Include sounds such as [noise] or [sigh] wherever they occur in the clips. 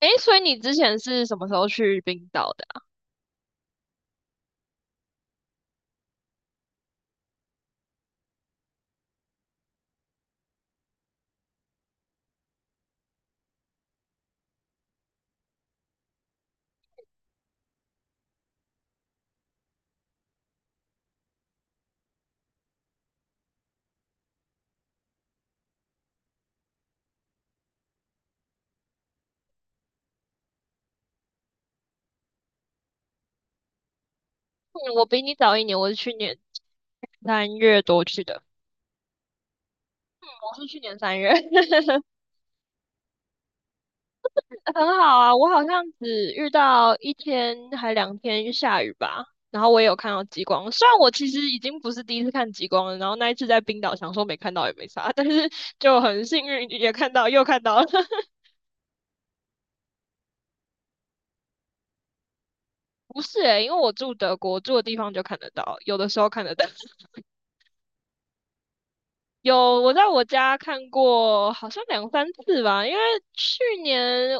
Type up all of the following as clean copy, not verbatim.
诶，所以你之前是什么时候去冰岛的啊。嗯，我比你早一年，我是去年三月多去的。我是去年三月，[laughs] 很好啊。我好像只遇到一天还两天下雨吧，然后我也有看到极光。虽然我其实已经不是第一次看极光了，然后那一次在冰岛想说没看到也没啥，[laughs] 但是就很幸运也看到，又看到了。[laughs] 不是诶，因为我住德国，住的地方就看得到，有的时候看得到。有，我在我家看过，好像两三次吧。因为去年，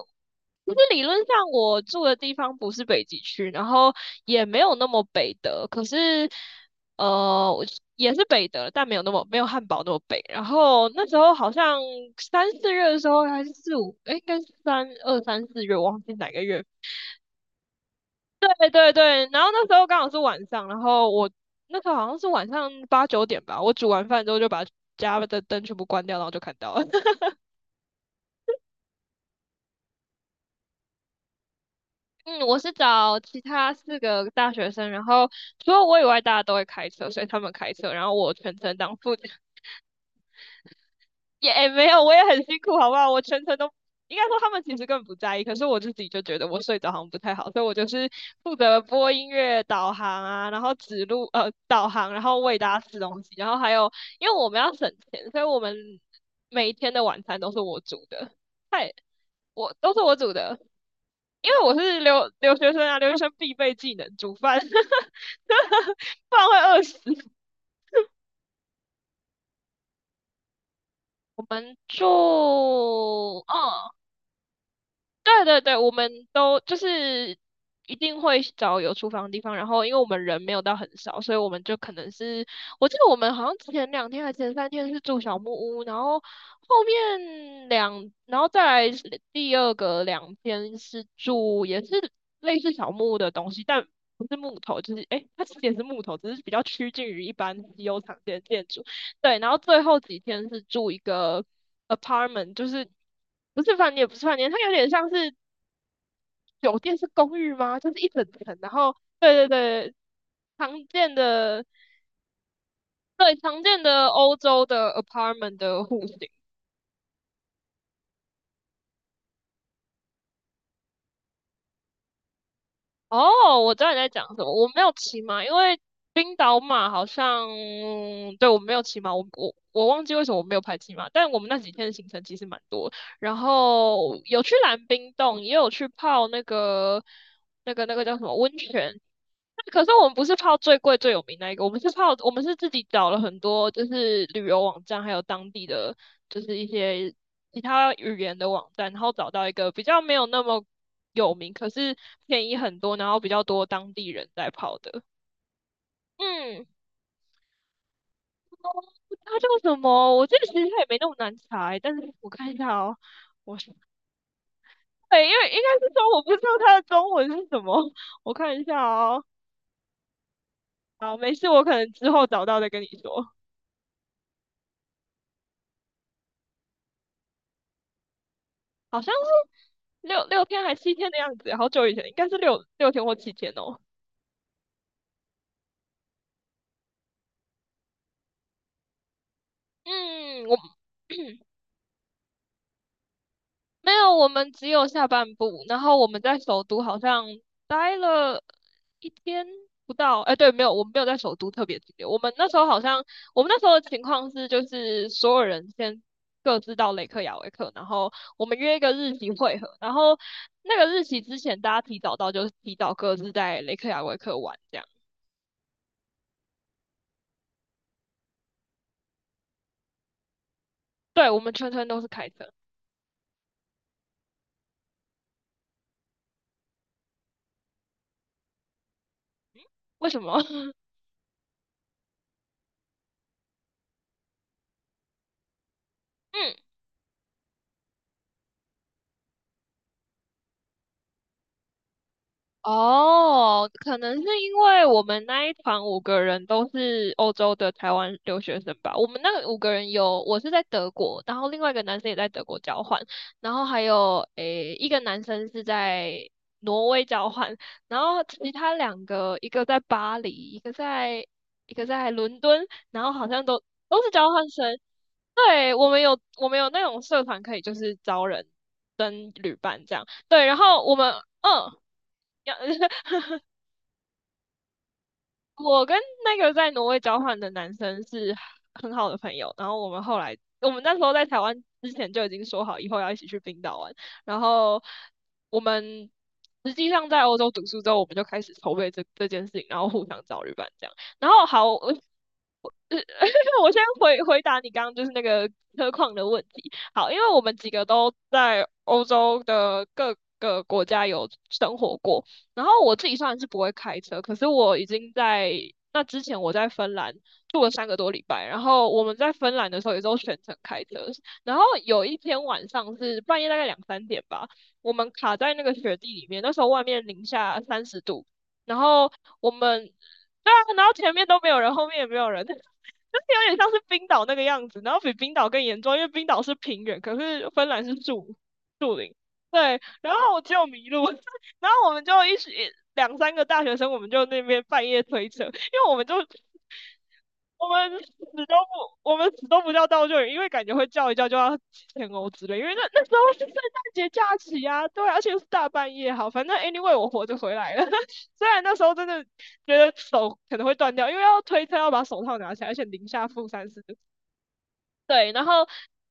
其实理论上我住的地方不是北极区，然后也没有那么北的。可是，我也是北的，但没有汉堡那么北。然后那时候好像三四月的时候还是四五，应该是三四月，忘记哪个月。对对对，然后那时候刚好是晚上，然后我那时候好像是晚上8、9点吧，我煮完饭之后就把家的灯全部关掉，然后就看到了。[laughs] 嗯，我是找其他4个大学生，然后除了我以外，大家都会开车，所以他们开车，然后我全程当副驾。没有，我也很辛苦，好不好？我全程都应该说他们其实根本不在意，可是我自己就觉得我睡着好像不太好，所以我就是负责播音乐、导航啊，然后指路导航，然后喂大家吃东西，然后还有因为我们要省钱，所以我们每一天的晚餐都是我煮的。嗨，我都是我煮的，因为我是留学生啊，留学生必备技能煮饭，[laughs] 不然会饿死。我们住，嗯，对对对，我们都就是一定会找有厨房的地方，然后因为我们人没有到很少，所以我们就可能是，我记得我们好像前两天还前三天是住小木屋，然后后面两，然后再来是第二个两天是住也是类似小木屋的东西，但不是木头，就是诶，它其实也是木头，只是比较趋近于一般稀有常见的建筑。对，然后最后几天是住一个apartment，就是不是饭店，也不是饭店，它有点像是酒店，是公寓吗？就是一整层，然后对对对，常见的对，常见的欧洲的 apartment 的户型。哦，我知道你在讲什么，我没有骑马，因为冰岛马好像，对，我没有骑马，我忘记为什么我没有排骑马，但我们那几天的行程其实蛮多，然后有去蓝冰洞，也有去泡那个叫什么温泉。可是我们不是泡最贵最有名那一个，我们是泡，我们是自己找了很多就是旅游网站，还有当地的就是一些其他语言的网站，然后找到一个比较没有那么有名，可是便宜很多，然后比较多当地人在泡的。嗯，它叫什么？我记得其实它也没那么难猜，但是我看一下哦，我是对，因为应该是说我不知道它的中文是什么，我看一下哦。好，没事，我可能之后找到再跟你说。好像是六天还七天的样子，好久以前，应该是六天或七天哦。嗯，我 [clears throat] 没有，我们只有下半部，然后我们在首都好像待了一天不到，哎，对，没有，我们没有在首都特别停留。我们那时候好像，我们那时候的情况是，就是所有人先各自到雷克雅维克，然后我们约一个日期会合，然后那个日期之前大家提早到，就是提早各自在雷克雅维克玩这样。对，我们全程都是开车，为什么？[laughs] 嗯，哦，可能是因为我们那一团五个人都是欧洲的台湾留学生吧。我们那个五个人有，我是在德国，然后另外一个男生也在德国交换，然后还有一个男生是在挪威交换，然后其他两个一个在巴黎，一个在伦敦，然后好像都都是交换生。对，我们有我们有那种社团可以就是招人跟旅伴这样。对，然后我们嗯。要 [laughs] 我跟那个在挪威交换的男生是很好的朋友，然后我们后来，我们那时候在台湾之前就已经说好以后要一起去冰岛玩，然后我们实际上在欧洲读书之后，我们就开始筹备这这件事情，然后互相找旅伴这样。然后好，我 [laughs] 我先回答你刚刚就是那个车况的问题。好，因为我们几个都在欧洲的各个国家有生活过，然后我自己虽然是不会开车，可是我已经在那之前我在芬兰住了3个多礼拜，然后我们在芬兰的时候也都全程开车，然后有一天晚上是半夜大概2、3点吧，我们卡在那个雪地里面，那时候外面零下30度。然后我们对啊，然后前面都没有人，后面也没有人。[laughs] 就是有点像是冰岛那个样子，然后比冰岛更严重，因为冰岛是平原，可是芬兰是树林，对，然后我就迷路，[laughs] 我然后我们就一起2、3个大学生，我们就那边半夜推车，因为我们就我们死我们死都不叫道救援，因为感觉会叫一叫就要几千欧之类，因为那那时候是圣诞节假期啊，对啊而且又是大半夜，好，反正 anyway 我活着回来了，[laughs] 虽然那时候真的觉得手可能会断掉，因为要推车要把手套拿起来，而且零下负30。对，然后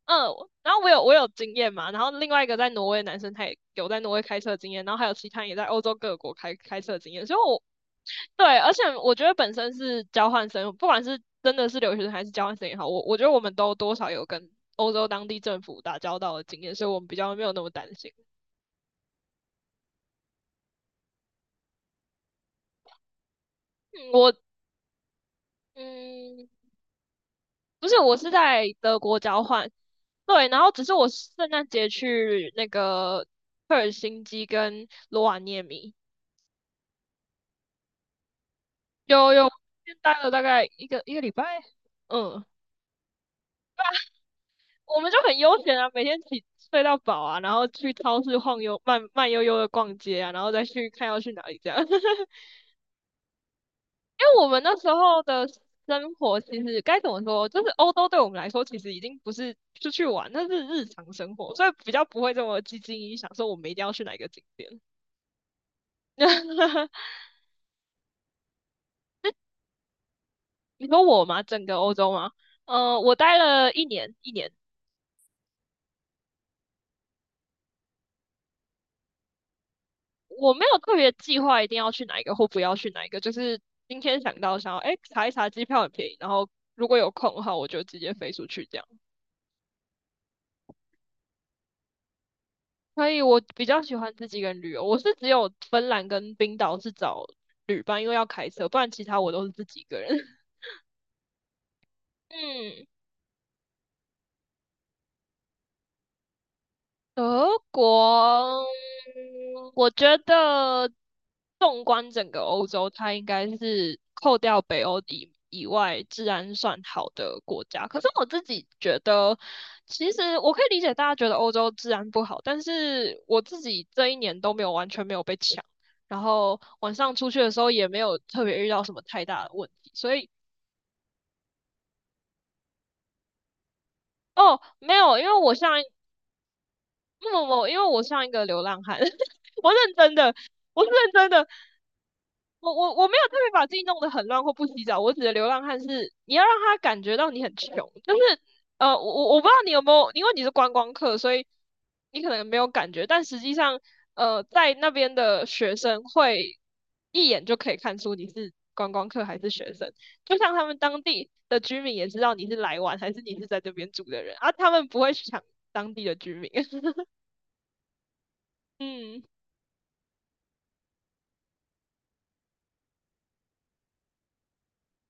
嗯，然后我有经验嘛，然后另外一个在挪威的男生他也有在挪威开车的经验，然后还有其他也在欧洲各国开车的经验，所以我对，而且我觉得本身是交换生，不管是真的是留学生还是交换生也好，我觉得我们都多少有跟欧洲当地政府打交道的经验，所以我们比较没有那么担心。嗯。嗯，不是，我是在德国交换，对，然后只是我圣诞节去那个赫尔辛基跟罗瓦涅米。有有，先待了大概一个礼拜，嗯，我们就很悠闲啊，每天起睡到饱啊，然后去超市晃悠，慢慢悠悠的逛街啊，然后再去看要去哪里这样。[laughs] 因为我们那时候的生活其实该怎么说，就是欧洲对我们来说其实已经不是出去玩，那是日常生活，所以比较不会这么积极影响，说我们一定要去哪一个景点。[laughs] 你说我吗？整个欧洲吗？我待了1年,1年。我没有特别计划一定要去哪一个或不要去哪一个，就是今天想到想要，哎，查一查机票很便宜，然后如果有空的话，我就直接飞出去这样。所以我比较喜欢自己一个人旅游，我是只有芬兰跟冰岛是找旅伴，因为要开车，不然其他我都是自己一个人。[laughs] 嗯。德国，我觉得纵观整个欧洲，它应该是扣掉北欧以外治安算好的国家。可是我自己觉得，其实我可以理解大家觉得欧洲治安不好，但是我自己这一年都没有完全没有被抢，然后晚上出去的时候也没有特别遇到什么太大的问题，所以。哦，没有，因为我上不不不，因为我像一个流浪汉，[laughs] 我认真的，我是认真的，我没有特别把自己弄得很乱或不洗澡，我指的流浪汉是你要让他感觉到你很穷，就是我不知道你有没有，因为你是观光客，所以你可能没有感觉，但实际上在那边的学生会一眼就可以看出你是观光客还是学生，就像他们当地的居民也知道你是来玩还是你是在这边住的人，啊，他们不会抢当地的居民。[laughs] 嗯，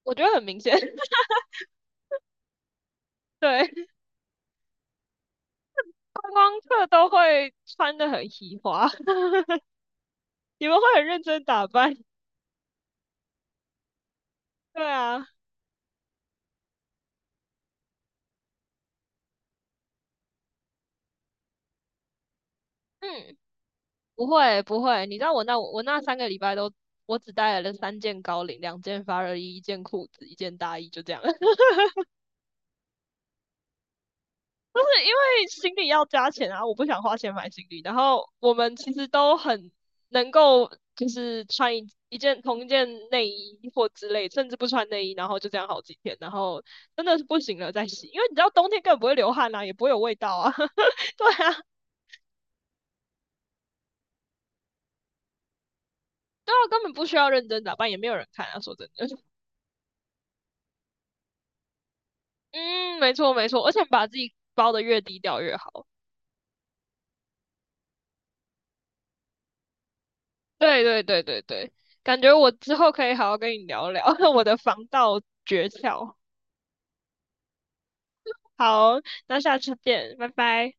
我觉得很明显，[laughs] 对，观光客都会穿的很喜花，[laughs] 你们会很认真打扮，对啊，嗯，不会不会，你知道我那我那3个礼拜都，我只带了3件高领，2件发热衣，1件裤子，1件大衣，就这样。[laughs] 对，因为行李要加钱啊，我不想花钱买行李。然后我们其实都很能够，就是穿一件同一件内衣或之类，甚至不穿内衣，然后就这样好几天，然后真的是不行了再洗，因为你知道冬天根本不会流汗啊，也不会有味道啊。[laughs] 对啊，对啊，根本不需要认真打扮，也没有人看啊。说真的，嗯，没错没错，而且把自己包的越低调越好。对对对对对，感觉我之后可以好好跟你聊聊 [laughs] 我的防盗诀窍。好，那下次见，拜拜。